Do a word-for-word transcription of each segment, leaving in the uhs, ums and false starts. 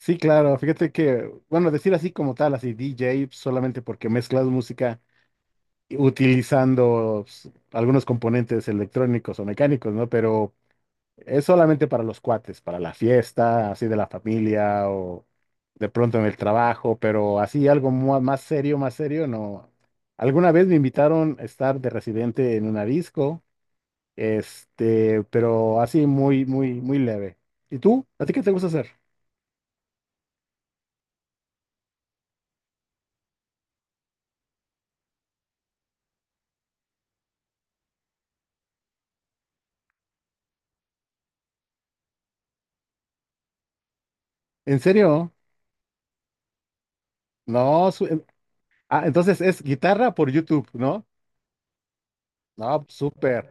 Sí, claro, fíjate que, bueno, decir así como tal, así D J, solamente porque mezclas música utilizando s- algunos componentes electrónicos o mecánicos, ¿no? Pero es solamente para los cuates, para la fiesta, así de la familia o de pronto en el trabajo, pero así algo mua- más serio, más serio, no. Alguna vez me invitaron a estar de residente en una disco, este, pero así muy, muy, muy leve. ¿Y tú? ¿A ti qué te gusta hacer? ¿En serio? No, su- ah, entonces es guitarra por YouTube, ¿no? No, súper.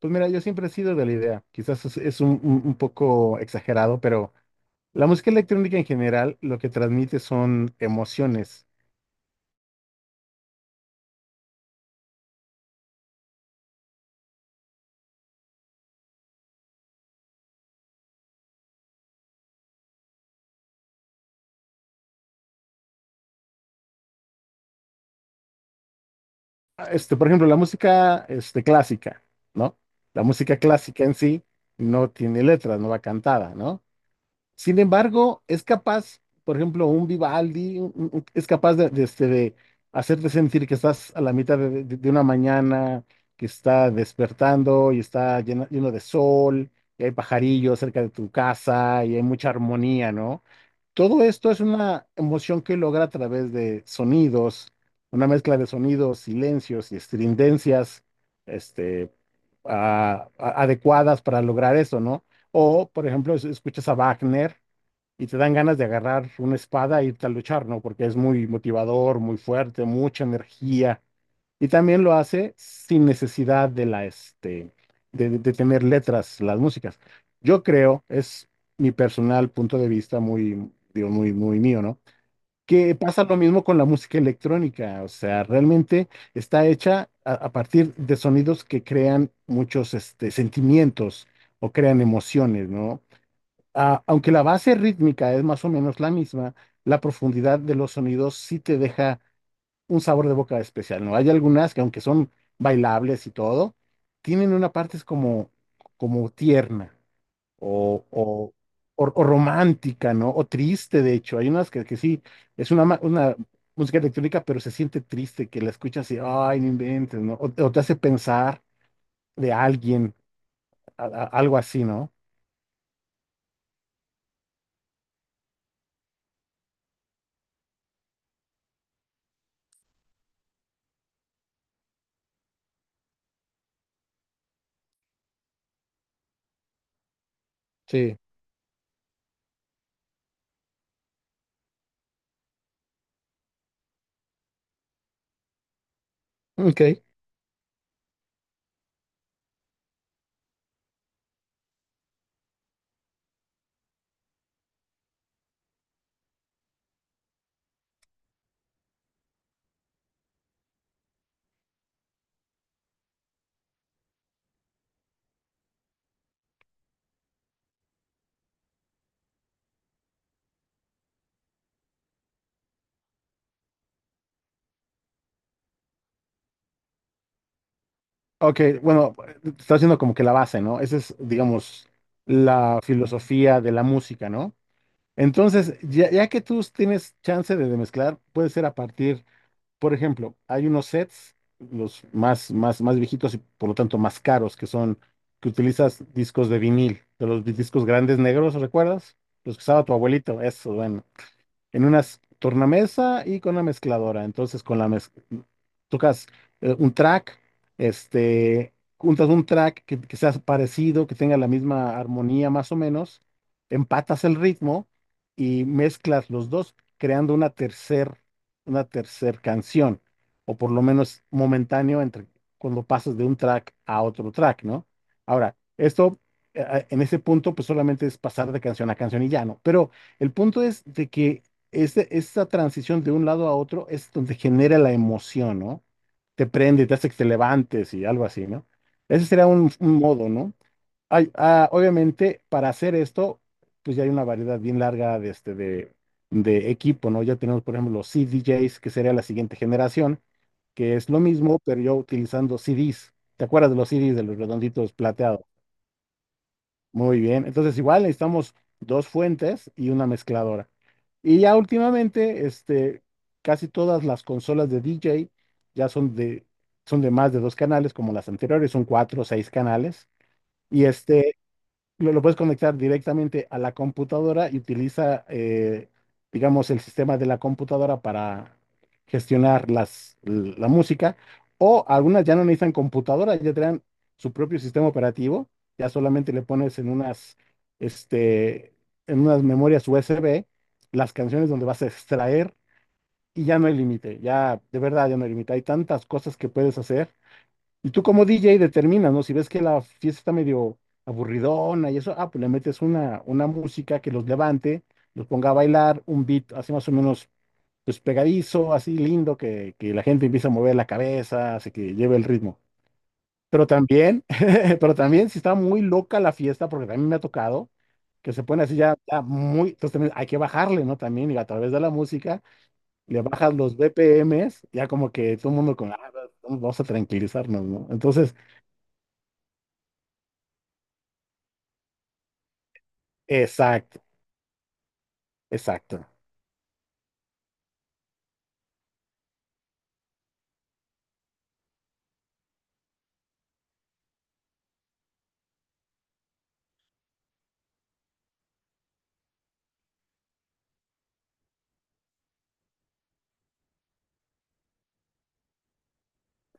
Pues mira, yo siempre he sido de la idea. Quizás es, es un, un- un poco exagerado, pero la música electrónica en general lo que transmite son emociones. Ah, Este, por ejemplo, la música este, clásica, ¿no? La música clásica en sí no tiene letras, no va cantada, ¿no? Sin embargo, es capaz, por ejemplo, un Vivaldi un- un- es capaz de, de, este, de hacerte sentir que estás a la mitad de, de- de una mañana, que está despertando y está llena- lleno de sol, y hay pajarillos cerca de tu casa y hay mucha armonía, ¿no? Todo esto es una emoción que logra a través de sonidos, una mezcla de sonidos, silencios y estridencias, este, a- a- adecuadas para lograr eso, ¿no? O, por ejemplo, es- escuchas a Wagner y te dan ganas de agarrar una espada e irte a luchar, ¿no? Porque es muy motivador, muy fuerte, mucha energía. Y también lo hace sin necesidad de la, este, de, de- de tener letras, las músicas. Yo creo, es mi personal punto de vista muy, digo, muy, muy mío, ¿no? Que pasa lo mismo con la música electrónica, o sea, realmente está hecha a, a partir de sonidos que crean muchos este, sentimientos o crean emociones, ¿no? Ah, aunque la base rítmica es más o menos la misma, la profundidad de los sonidos sí te deja un sabor de boca especial, ¿no? Hay algunas que aunque son bailables y todo, tienen una parte es como, como tierna o, o, o- o romántica, ¿no? O triste, de hecho. Hay unas que, que sí, es una, ma- una música electrónica, pero se siente triste, que la escuchas y, ay, no inventes, ¿no? O, o te hace pensar de alguien, a- a- algo así, ¿no? Sí. Ok. Ok, bueno, está haciendo como que la base, ¿no? Esa es, digamos, la filosofía de la música, ¿no? Entonces, ya, ya que tú tienes chance de, de mezclar, puede ser a partir, por ejemplo, hay unos sets, los más, más, más viejitos y por lo tanto más caros, que son, que utilizas discos de vinil, de los discos grandes negros, ¿recuerdas? Los que usaba tu abuelito, eso, bueno, en una s- tornamesa y con una mezcladora. Entonces, con la mez- tocas eh, un track, este, juntas un track que, que sea parecido, que tenga la misma armonía más o menos, empatas el ritmo y mezclas los dos, creando una tercer, una tercer, canción, o por lo menos momentáneo entre cuando pasas de un track a otro track, ¿no? Ahora, esto eh, eh, en ese punto, pues solamente es pasar de canción a canción y ya, ¿no? Pero el punto es de que este, esta transición de un lado a otro es donde genera la emoción, ¿no? Te prende, te hace que te levantes y algo así, ¿no? Ese sería un, un modo, ¿no? Hay, ah, obviamente, para hacer esto, pues ya hay una variedad bien larga de, este, de, de equipo, ¿no? Ya tenemos, por ejemplo, los C D Js, que sería la siguiente generación, que es lo mismo, pero yo utilizando C Ds. ¿Te acuerdas de los C Ds de los redonditos plateados? Muy bien, entonces igual necesitamos dos fuentes y una mezcladora. Y ya últimamente, este, casi todas las consolas de D J ya son de, son de más de dos canales, como las anteriores, son cuatro o seis canales. Y este, lo, lo puedes conectar directamente a la computadora y utiliza, eh, digamos, el sistema de la computadora para gestionar las, l- la música. O algunas ya no necesitan computadora, ya traen su propio sistema operativo. Ya solamente le pones en unas, este, en unas, memorias U S B las canciones donde vas a extraer y ya no hay límite. Ya, de verdad, ya no hay límite. Hay tantas cosas que puedes hacer y tú como D J determinas, ¿no? Si ves que la fiesta está medio aburridona y eso, ah, pues le metes una, una música que los levante, los ponga a bailar, un beat así más o menos pues pegadizo, así lindo, que, que la gente empieza a mover la cabeza, así que lleve el ritmo. Pero también, pero también si está muy loca la fiesta, porque también me ha tocado, que se pone así ya, ya muy, entonces también hay que bajarle, ¿no? También y a través de la música le bajas los B P Ms, ya como que todo el mundo con, "Ah, vamos a tranquilizarnos, ¿no?" Entonces, exacto, exacto.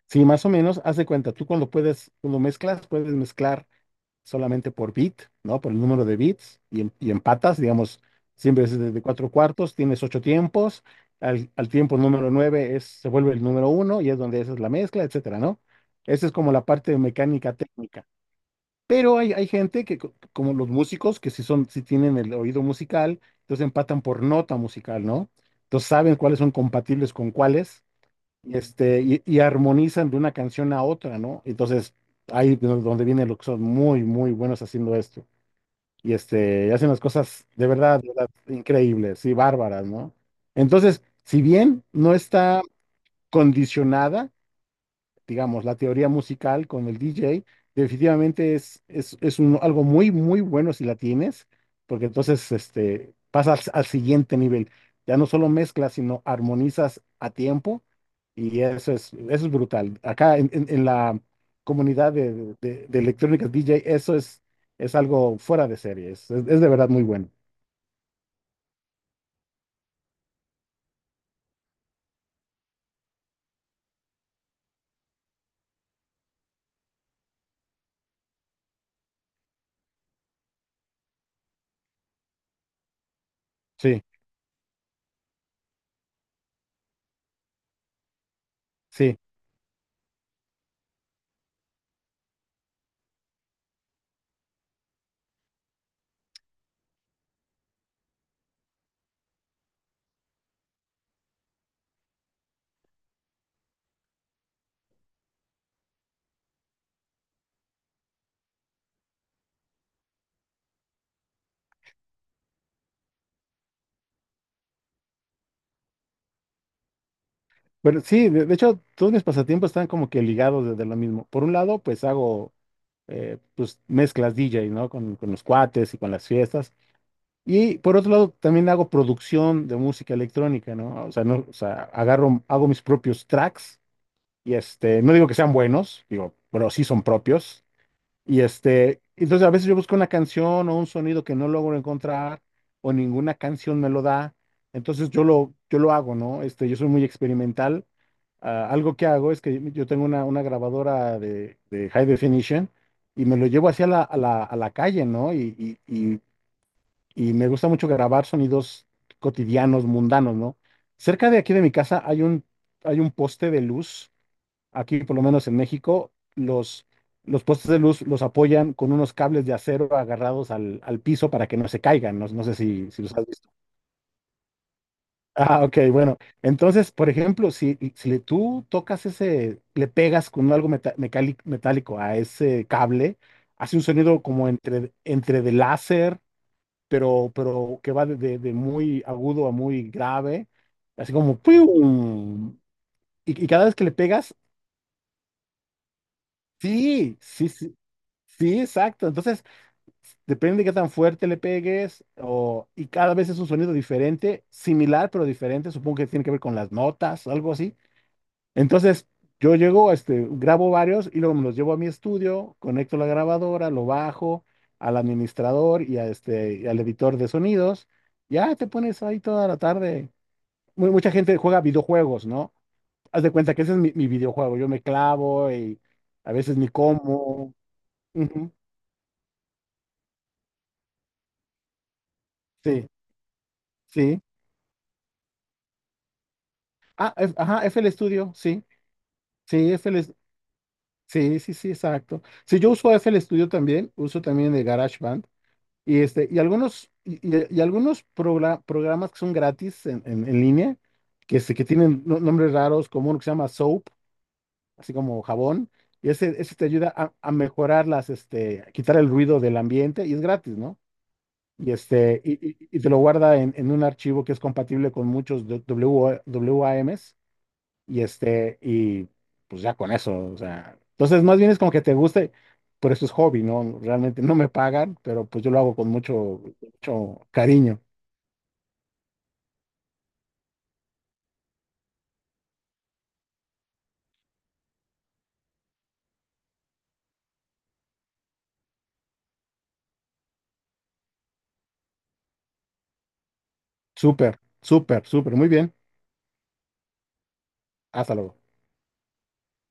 Sí, más o menos, haz de cuenta, tú cuando puedes, cuando mezclas, puedes mezclar solamente por bit, ¿no? Por el número de bits y, em- y empatas, digamos, siempre es de de cuatro cuartos, tienes ocho tiempos, al, al tiempo número nueve es, se vuelve el número uno y es donde esa es la mezcla, etcétera, ¿no? Esa es como la parte de mecánica técnica. Pero hay, hay gente que, co- como los músicos, que si son, si tienen el oído musical, entonces empatan por nota musical, ¿no? Entonces saben cuáles son compatibles con cuáles y, este, y, y armonizan de una canción a otra, ¿no? Entonces, ahí es donde vienen los que son muy, muy buenos haciendo esto. Y este, y hacen las cosas de verdad, de verdad, increíbles y bárbaras, ¿no? Entonces, si bien no está condicionada, digamos, la teoría musical con el D J, definitivamente es, es, es un- algo muy, muy bueno si la tienes, porque entonces este, pasas al siguiente nivel. Ya no solo mezclas, sino armonizas a tiempo y eso es, eso es brutal. Acá en, en- en la comunidad de, de, de electrónicas D J, eso es, es algo fuera de serie, es, es- es de verdad muy bueno. Sí, sí. Pero sí, de, de hecho, todos mis pasatiempos están como que ligados desde lo mismo. Por un lado, pues hago eh, pues mezclas D J, ¿no? Con, con los cuates y con las fiestas. Y por otro lado, también hago producción de música electrónica, ¿no? O sea, no, o sea, agarro, hago mis propios tracks y este, no digo que sean buenos, digo, pero sí son propios. Y este, entonces a veces yo busco una canción o un sonido que no logro encontrar o ninguna canción me lo da. Entonces yo lo, yo lo hago, ¿no? Este, yo soy muy experimental. Ah, algo que hago es que yo tengo una, una grabadora de, de high definition y me lo llevo hacia la, a la, a la calle, ¿no? Y, y, y, y me gusta mucho grabar sonidos cotidianos, mundanos, ¿no? Cerca de aquí de mi casa hay un, hay un poste de luz, aquí por lo menos en México, los, los postes de luz los apoyan con unos cables de acero agarrados al, al piso para que no se caigan. No, no sé si, si los has visto. Ah, ok, bueno. Entonces, por ejemplo, si, si le- tú tocas ese, le pegas con algo meta- mecali- metálico a ese cable, hace un sonido como entre, entre de láser, pero, pero que va de, de- de muy agudo a muy grave, así como ¡pium! Y, y cada vez que le pegas, sí, sí, sí, sí, exacto. Entonces, depende de qué tan fuerte le pegues o, y cada vez es un sonido diferente, similar pero diferente. Supongo que tiene que ver con las notas o algo así. Entonces, yo llego, este, grabo varios y luego me los llevo a mi estudio, conecto la grabadora, lo bajo al administrador y, a este, y al editor de sonidos. Ya te pones ahí toda la tarde. Mu- Mucha gente juega videojuegos, ¿no? Haz de cuenta que ese es mi, mi videojuego. Yo me clavo y a veces ni como. Ujú, sí, sí. Ah, es- ajá, F L Studio, sí. Sí, F es- sí, sí, sí, exacto. Sí, yo uso F FL Studio también, uso también el GarageBand y este y algunos y, y- y algunos progra- programas que son gratis en, en- en línea que este, que tienen no- nombres raros, como uno que se llama Soap, así como jabón, y ese ese te ayuda a, a mejorar las este a quitar el ruido del ambiente y es gratis, ¿no? Y este y, y- y te lo guarda en, en un archivo que es compatible con muchos W A W A Ms. Y este, y pues ya con eso, o sea, entonces más bien es como que te guste, pero eso es hobby, ¿no? Realmente no me pagan, pero pues yo lo hago con mucho, mucho cariño. Súper, súper, súper, muy bien. Hasta luego.